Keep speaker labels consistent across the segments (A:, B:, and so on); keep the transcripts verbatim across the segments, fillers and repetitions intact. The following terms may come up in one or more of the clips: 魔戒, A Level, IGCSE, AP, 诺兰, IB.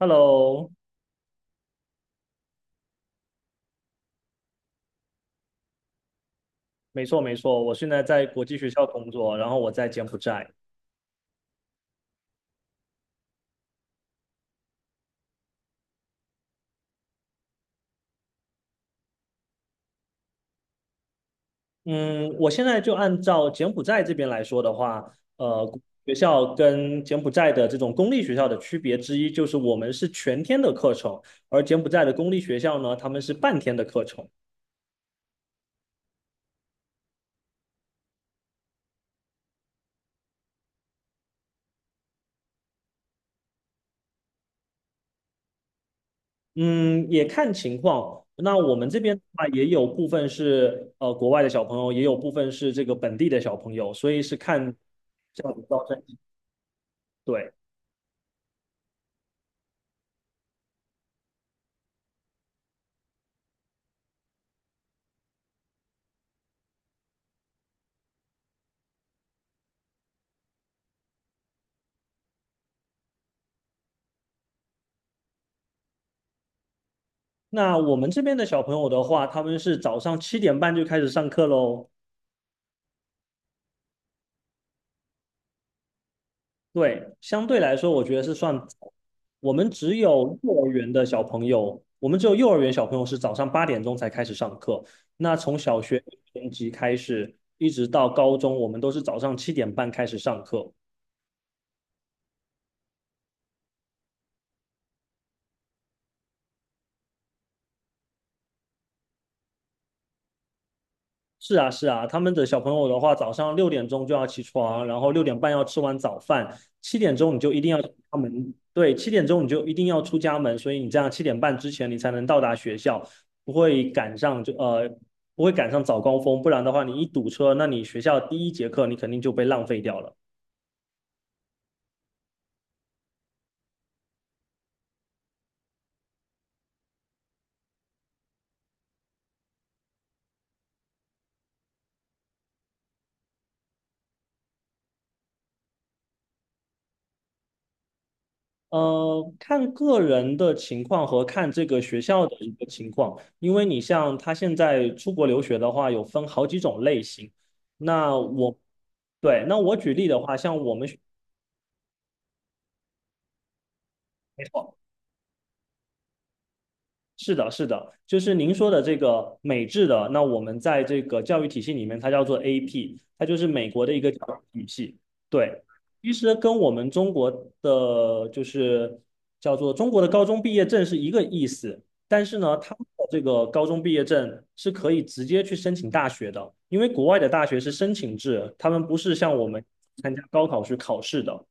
A: Hello，没错没错，我现在在国际学校工作，然后我在柬埔寨。嗯，我现在就按照柬埔寨这边来说的话，呃，国际学校跟柬埔寨的这种公立学校的区别之一就是我们是全天的课程，而柬埔寨的公立学校呢，他们是半天的课程。嗯，也看情况。那我们这边的话，也有部分是呃国外的小朋友，也有部分是这个本地的小朋友，所以是看这样子招生。对。那我们这边的小朋友的话，他们是早上七点半就开始上课喽。对，相对来说，我觉得是算早。我们只有幼儿园的小朋友，我们只有幼儿园小朋友是早上八点钟才开始上课。那从小学一年级开始，一直到高中，我们都是早上七点半开始上课。是啊，是啊，他们的小朋友的话，早上六点钟就要起床，然后六点半要吃完早饭，七点钟你就一定要出家门，对，七点钟你就一定要出家门，所以你这样七点半之前你才能到达学校，不会赶上就呃不会赶上早高峰，不然的话你一堵车，那你学校第一节课你肯定就被浪费掉了。呃，看个人的情况和看这个学校的一个情况，因为你像他现在出国留学的话，有分好几种类型。那我，对，那我举例的话，像我们没错。是的，是的，就是您说的这个美制的，那我们在这个教育体系里面，它叫做 A P，它就是美国的一个教育体系。对，其实跟我们中国的就是叫做中国的高中毕业证是一个意思，但是呢，他们的这个高中毕业证是可以直接去申请大学的，因为国外的大学是申请制，他们不是像我们参加高考去考试的。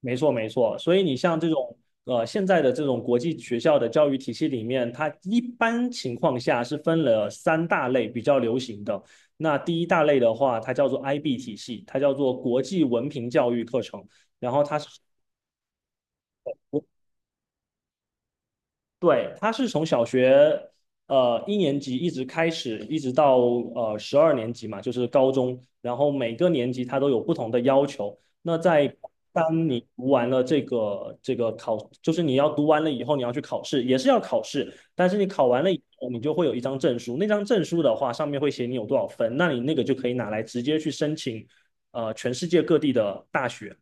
A: 没错，没错。所以你像这种呃，现在的这种国际学校的教育体系里面，它一般情况下是分了三大类比较流行的。那第一大类的话，它叫做 I B 体系，它叫做国际文凭教育课程。然后它是对，他是从小学呃一年级一直开始，一直到呃十二年级嘛，就是高中。然后每个年级他都有不同的要求。那在当你读完了这个这个考，就是你要读完了以后，你要去考试，也是要考试。但是你考完了以后，你就会有一张证书。那张证书的话，上面会写你有多少分，那你那个就可以拿来直接去申请呃全世界各地的大学。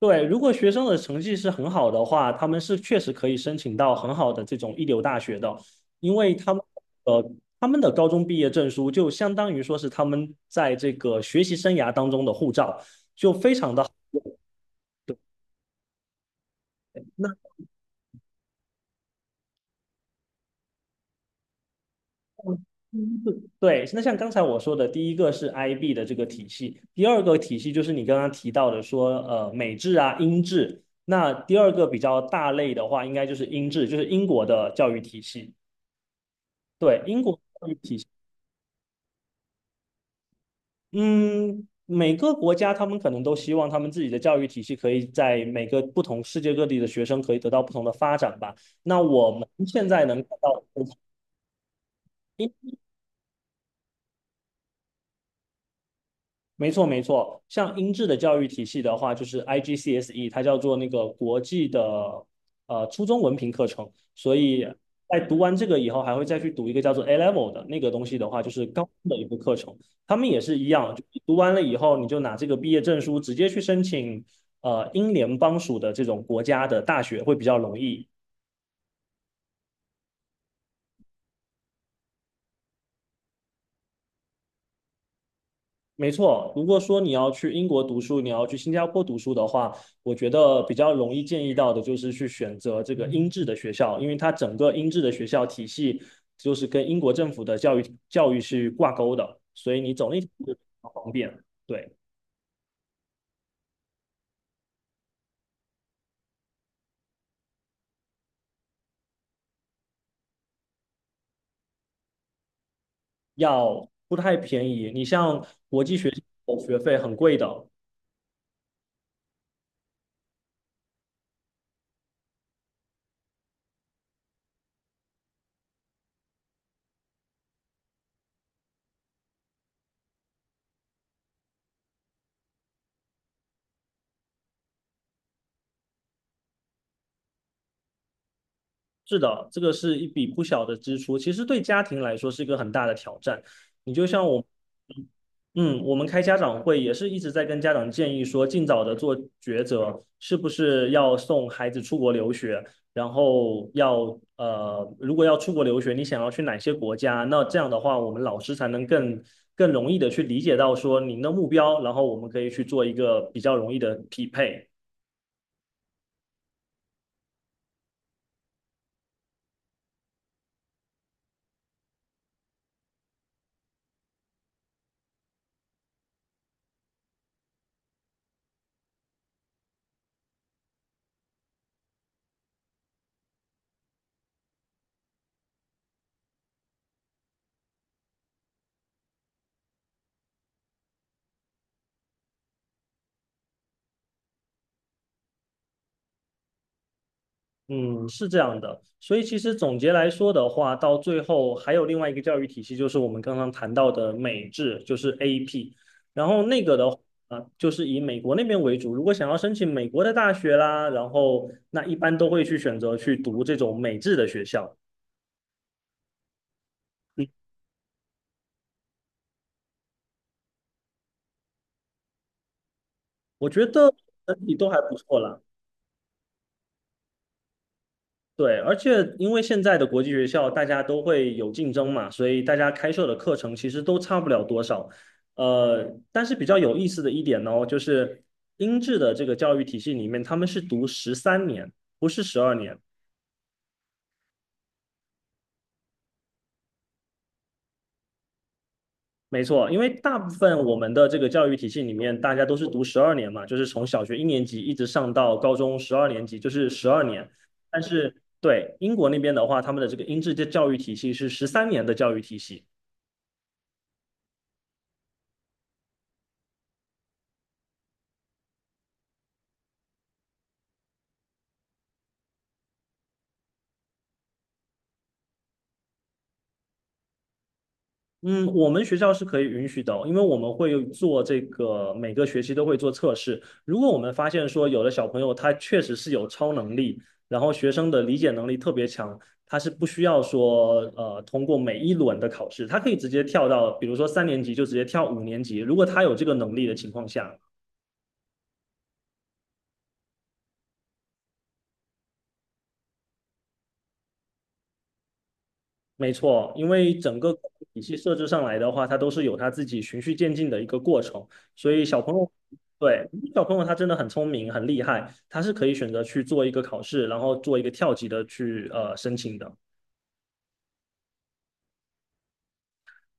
A: 对，如果学生的成绩是很好的话，他们是确实可以申请到很好的这种一流大学的，因为他们呃他们的高中毕业证书就相当于说是他们在这个学习生涯当中的护照，就非常的好。那第一个对，那像刚才我说的，第一个是 I B 的这个体系，第二个体系就是你刚刚提到的说呃美制啊英制，那第二个比较大类的话，应该就是英制，就是英国的教育体系。对，英国。教育体系。嗯，每个国家他们可能都希望他们自己的教育体系可以在每个不同世界各地的学生可以得到不同的发展吧。那我们现在能看到。没错，没错。像英制的教育体系的话，就是 I G C S E，它叫做那个国际的呃初中文凭课程。所以在读完这个以后，还会再去读一个叫做 A Level 的那个东西的话，就是高中的一个课程。他们也是一样，就读完了以后，你就拿这个毕业证书直接去申请呃英联邦属的这种国家的大学会比较容易。没错，如果说你要去英国读书，你要去新加坡读书的话，我觉得比较容易建议到的就是去选择这个英制的学校，因为它整个英制的学校体系就是跟英国政府的教育教育是挂钩的，所以你走那条路比较方便，对，要不太便宜。你像国际学校学费很贵的，是的，这个是一笔不小的支出，其实对家庭来说是一个很大的挑战。你就像我，嗯，我们开家长会也是一直在跟家长建议说，尽早的做抉择，是不是要送孩子出国留学，然后要呃，如果要出国留学，你想要去哪些国家？那这样的话，我们老师才能更更容易的去理解到说您的目标，然后我们可以去做一个比较容易的匹配。嗯，是这样的，所以其实总结来说的话，到最后还有另外一个教育体系，就是我们刚刚谈到的美制，就是 a p 然后那个的话，啊就是以美国那边为主。如果想要申请美国的大学啦，然后那一般都会去选择去读这种美制的学校。嗯，我觉得整体都还不错啦。对，而且因为现在的国际学校大家都会有竞争嘛，所以大家开设的课程其实都差不了多少。呃，但是比较有意思的一点呢，就是英制的这个教育体系里面，他们是读十三年，不是十二年。没错，因为大部分我们的这个教育体系里面，大家都是读十二年嘛，就是从小学一年级一直上到高中十二年级，就是十二年。但是对英国那边的话，他们的这个英制的教育体系是十三年的教育体系。嗯，我们学校是可以允许的哦，因为我们会有做这个，每个学期都会做测试。如果我们发现说有的小朋友他确实是有超能力，然后学生的理解能力特别强，他是不需要说呃通过每一轮的考试，他可以直接跳到，比如说三年级就直接跳五年级，如果他有这个能力的情况下，没错，因为整个体系设置上来的话，它都是有它自己循序渐进的一个过程，所以小朋友，对，小朋友他真的很聪明，很厉害，他是可以选择去做一个考试，然后做一个跳级的去呃申请的。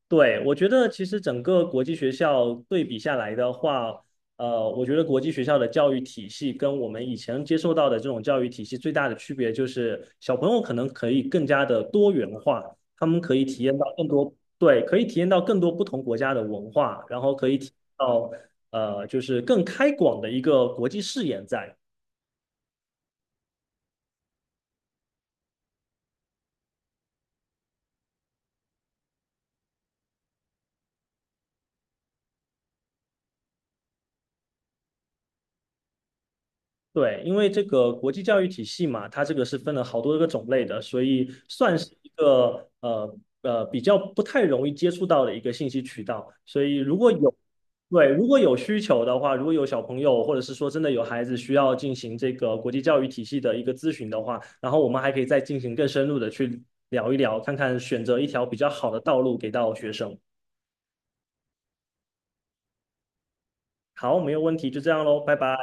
A: 对，我觉得其实整个国际学校对比下来的话，呃，我觉得国际学校的教育体系跟我们以前接受到的这种教育体系最大的区别就是，小朋友可能可以更加的多元化，他们可以体验到更多，对，可以体验到更多不同国家的文化，然后可以体验到呃，就是更开广的一个国际视野在。对，因为这个国际教育体系嘛，它这个是分了好多个种类的，所以算是一个呃呃比较不太容易接触到的一个信息渠道。所以如果有对，如果有需求的话，如果有小朋友或者是说真的有孩子需要进行这个国际教育体系的一个咨询的话，然后我们还可以再进行更深入的去聊一聊，看看选择一条比较好的道路给到学生。好，没有问题，就这样喽，拜拜。